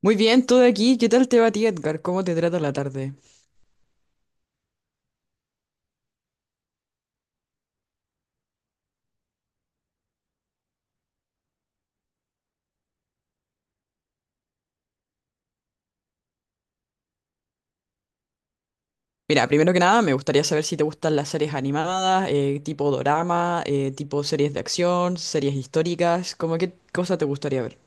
Muy bien, todo aquí. ¿Qué tal te va a ti, Edgar? ¿Cómo te trata la tarde? Mira, primero que nada, me gustaría saber si te gustan las series animadas, tipo dorama, tipo series de acción, series históricas, ¿cómo qué cosa te gustaría ver?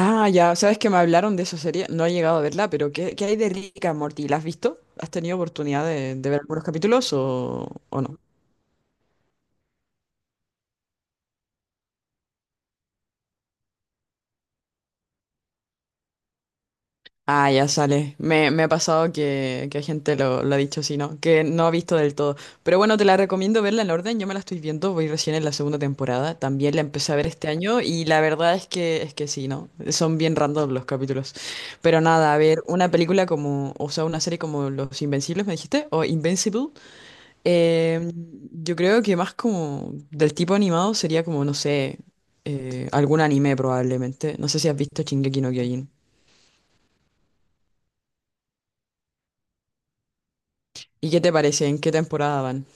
Ah, ya, sabes que me hablaron de esa serie, no he llegado a verla, pero ¿qué hay de Rick and Morty? ¿La has visto? ¿Has tenido oportunidad de ver algunos capítulos o no? Ah, ya sale. Me ha pasado que gente lo ha dicho así, ¿no? Que no ha visto del todo. Pero bueno, te la recomiendo verla en orden. Yo me la estoy viendo, voy recién en la segunda temporada. También la empecé a ver este año y la verdad es es que sí, ¿no? Son bien random los capítulos. Pero nada, a ver, una película como, o sea, una serie como Los Invencibles, me dijiste, o Invincible. eh, yo creo que más como del tipo animado sería como, no sé, algún anime probablemente. No sé si has visto Shingeki no Kyojin. ¿Y qué te parece? ¿En qué temporada van?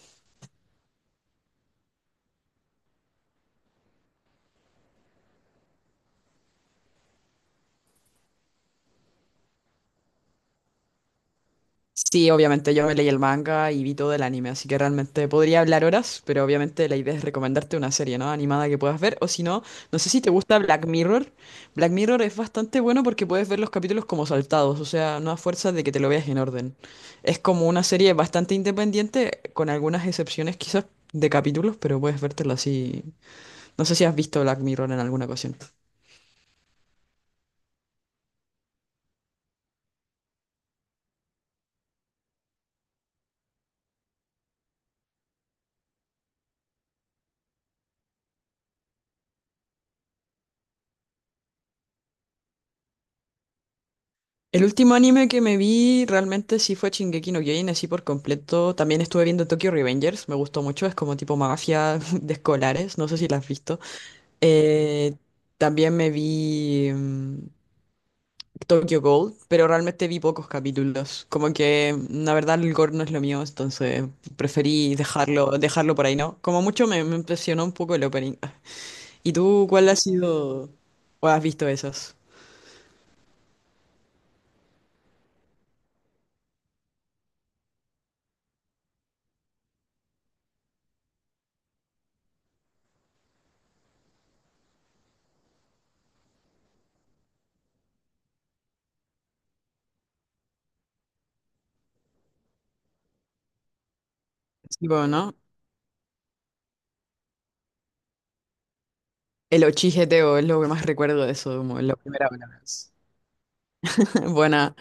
Sí, obviamente yo me leí el manga y vi todo el anime, así que realmente podría hablar horas, pero obviamente la idea es recomendarte una serie, ¿no? Animada que puedas ver, o si no, no sé si te gusta Black Mirror. Black Mirror es bastante bueno porque puedes ver los capítulos como saltados, o sea, no a fuerza de que te lo veas en orden. Es como una serie bastante independiente, con algunas excepciones quizás de capítulos, pero puedes vértela así. No sé si has visto Black Mirror en alguna ocasión. El último anime que me vi realmente sí fue Shingeki no Kyojin, así por completo. También estuve viendo Tokyo Revengers, me gustó mucho, es como tipo mafia de escolares, no sé si la has visto. Eh, también me vi Tokyo Gold, pero realmente vi pocos capítulos. Como que la verdad el gore no es lo mío, entonces preferí dejarlo por ahí, ¿no? Como mucho me impresionó un poco el opening. ¿Y tú cuál ha sido o has visto esos? Sí, bueno, ¿no? El ochigeteo es lo que más recuerdo de eso, como la primera vez. Buena.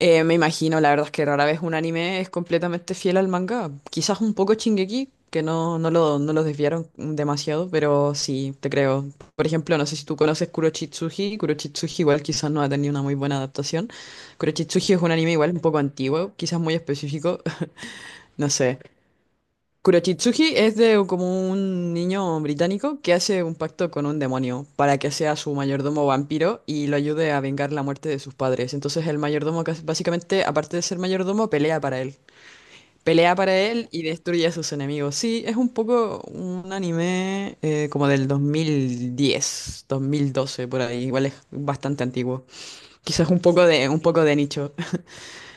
Me imagino, la verdad es que rara vez un anime es completamente fiel al manga. Quizás un poco Shingeki, que no lo desviaron demasiado, pero sí, te creo. Por ejemplo, no sé si tú conoces Kurochitsuji. Kurochitsuji igual quizás no ha tenido una muy buena adaptación. Kurochitsuji es un anime igual un poco antiguo, quizás muy específico, no sé. Kurochitsuji es de como un niño británico que hace un pacto con un demonio para que sea su mayordomo vampiro y lo ayude a vengar la muerte de sus padres. Entonces el mayordomo básicamente, aparte de ser mayordomo, pelea para él. Pelea para él y destruye a sus enemigos. Sí, es un poco un anime como del 2010, 2012 por ahí. Igual es bastante antiguo. Quizás un poco de nicho.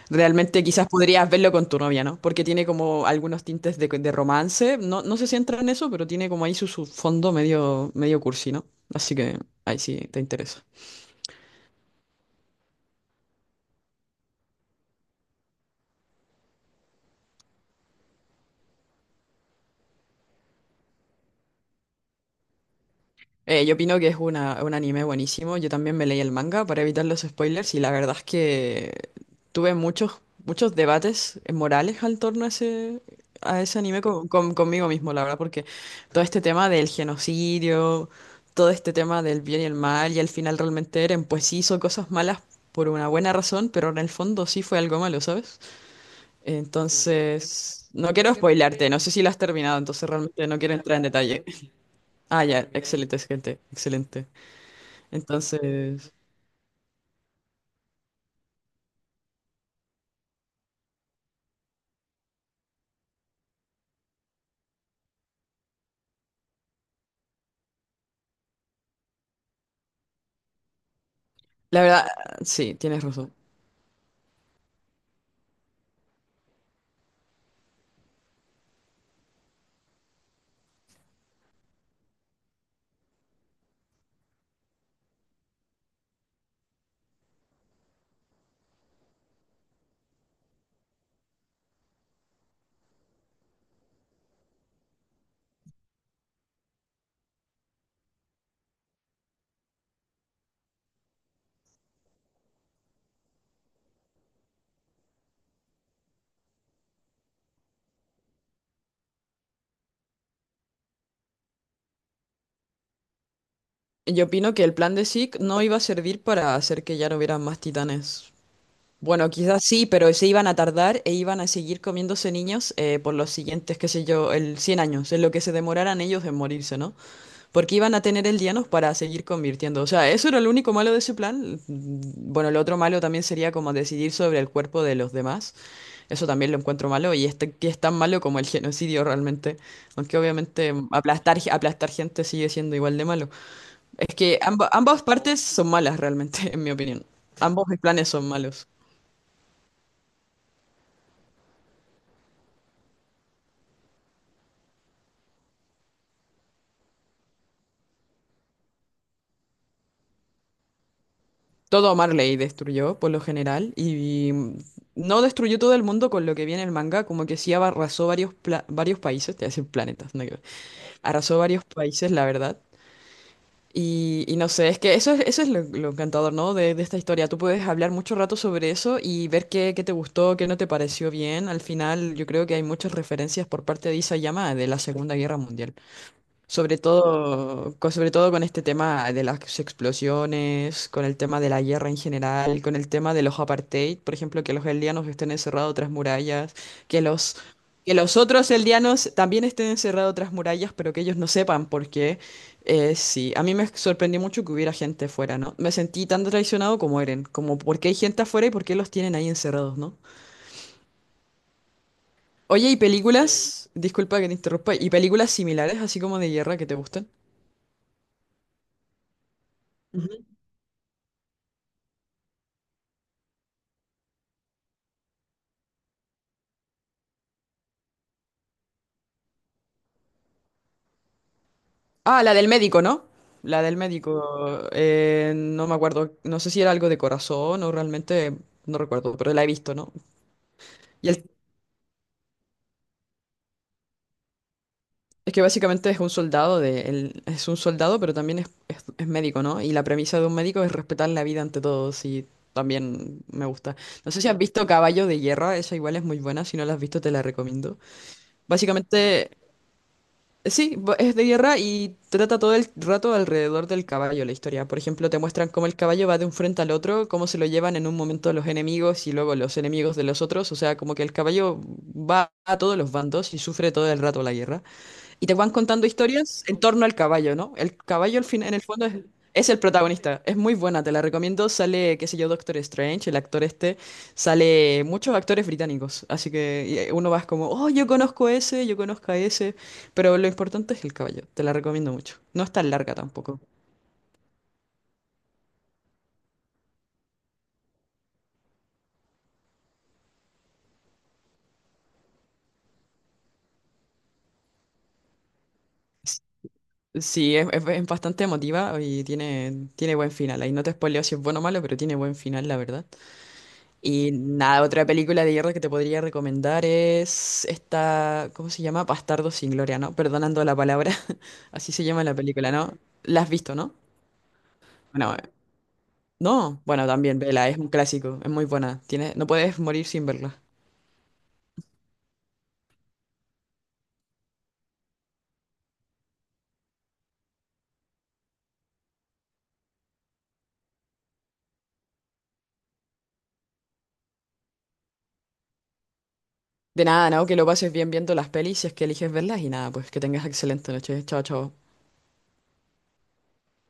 Realmente quizás podrías verlo con tu novia, ¿no? Porque tiene como algunos tintes de romance. No, no sé si entra en eso, pero tiene como ahí su fondo medio cursi, ¿no? Así que ahí sí te interesa. Yo opino que es una, un anime buenísimo. Yo también me leí el manga para evitar los spoilers y la verdad es que tuve muchos debates morales al torno a ese anime conmigo mismo, la verdad, porque todo este tema del genocidio, todo este tema del bien y el mal y al final realmente Eren pues sí hizo cosas malas por una buena razón, pero en el fondo sí fue algo malo, ¿sabes? Entonces, no quiero spoilearte, no sé si lo has terminado, entonces realmente no quiero entrar en detalle. Ah, ya, excelente, gente, excelente. Entonces, la verdad, sí, tienes razón. Yo opino que el plan de Zeke no iba a servir para hacer que ya no hubiera más titanes. Bueno, quizás sí, pero se iban a tardar e iban a seguir comiéndose niños por los siguientes, qué sé yo, el 100 años, en lo que se demoraran ellos en morirse, ¿no? Porque iban a tener el Dianos para seguir convirtiendo. O sea, eso era lo único malo de ese plan. Mm, Bueno, lo otro malo también sería como decidir sobre el cuerpo de los demás. Eso también lo encuentro malo y, este, que es tan malo como el genocidio realmente. Aunque obviamente aplastar gente sigue siendo igual de malo. Es que ambas partes son malas realmente, en mi opinión. Ambos planes son malos. Todo Marley destruyó por lo general y no destruyó todo el mundo con lo que viene el manga, como que sí arrasó varios países, te voy a decir planetas, nada que ver. Arrasó varios países, la verdad. Y no sé, es que eso es lo encantador, ¿no? De esta historia. Tú puedes hablar mucho rato sobre eso y ver qué te gustó, qué no te pareció bien. Al final, yo creo que hay muchas referencias por parte de Isayama de la Segunda Guerra Mundial. Sobre todo, sobre todo con este tema de las explosiones, con el tema de la guerra en general, con el tema de los apartheid, por ejemplo, que los eldianos estén encerrados tras murallas, que los, que los otros eldianos también estén encerrados tras murallas, pero que ellos no sepan por qué. Sí, a mí me sorprendió mucho que hubiera gente afuera, ¿no? Me sentí tan traicionado como Eren, como por qué hay gente afuera y por qué los tienen ahí encerrados, ¿no? Oye, ¿y sí, películas? Disculpa que te interrumpa, ¿y películas similares, así como de guerra, que te gustan? Ah, la del médico, ¿no? La del médico, no me acuerdo, no sé si era algo de corazón o realmente, no recuerdo, pero la he visto, ¿no? Y el- es que básicamente es un soldado, él es un soldado, pero también es médico, ¿no? Y la premisa de un médico es respetar la vida ante todo, y también me gusta. No sé si has visto Caballo de Guerra, esa igual es muy buena, si no la has visto te la recomiendo. Básicamente sí, es de guerra y trata todo el rato alrededor del caballo la historia. Por ejemplo, te muestran cómo el caballo va de un frente al otro, cómo se lo llevan en un momento los enemigos y luego los enemigos de los otros. O sea, como que el caballo va a todos los bandos y sufre todo el rato la guerra. Y te van contando historias en torno al caballo, ¿no? El caballo al fin, en el fondo es el protagonista. Es muy buena, te la recomiendo. Sale, qué sé yo, Doctor Strange, el actor este. Sale muchos actores británicos. Así que uno vas como, oh, yo conozco ese, yo conozco a ese. Pero lo importante es el caballo. Te la recomiendo mucho. No es tan larga tampoco. S- Sí, es bastante emotiva y tiene, tiene buen final. Ahí no te spoileo si es bueno o malo, pero tiene buen final, la verdad. Y nada, otra película de guerra que te podría recomendar es esta, ¿cómo se llama? Bastardo sin gloria, ¿no? Perdonando la palabra, así se llama la película, ¿no? ¿La has visto, no? Bueno, no, bueno, también, vela, es un clásico, es muy buena, tiene, no puedes morir sin verla. De nada, ¿no? Que lo pases bien viendo las pelis si es que eliges verlas y nada, pues que tengas excelente noche, chao, chao.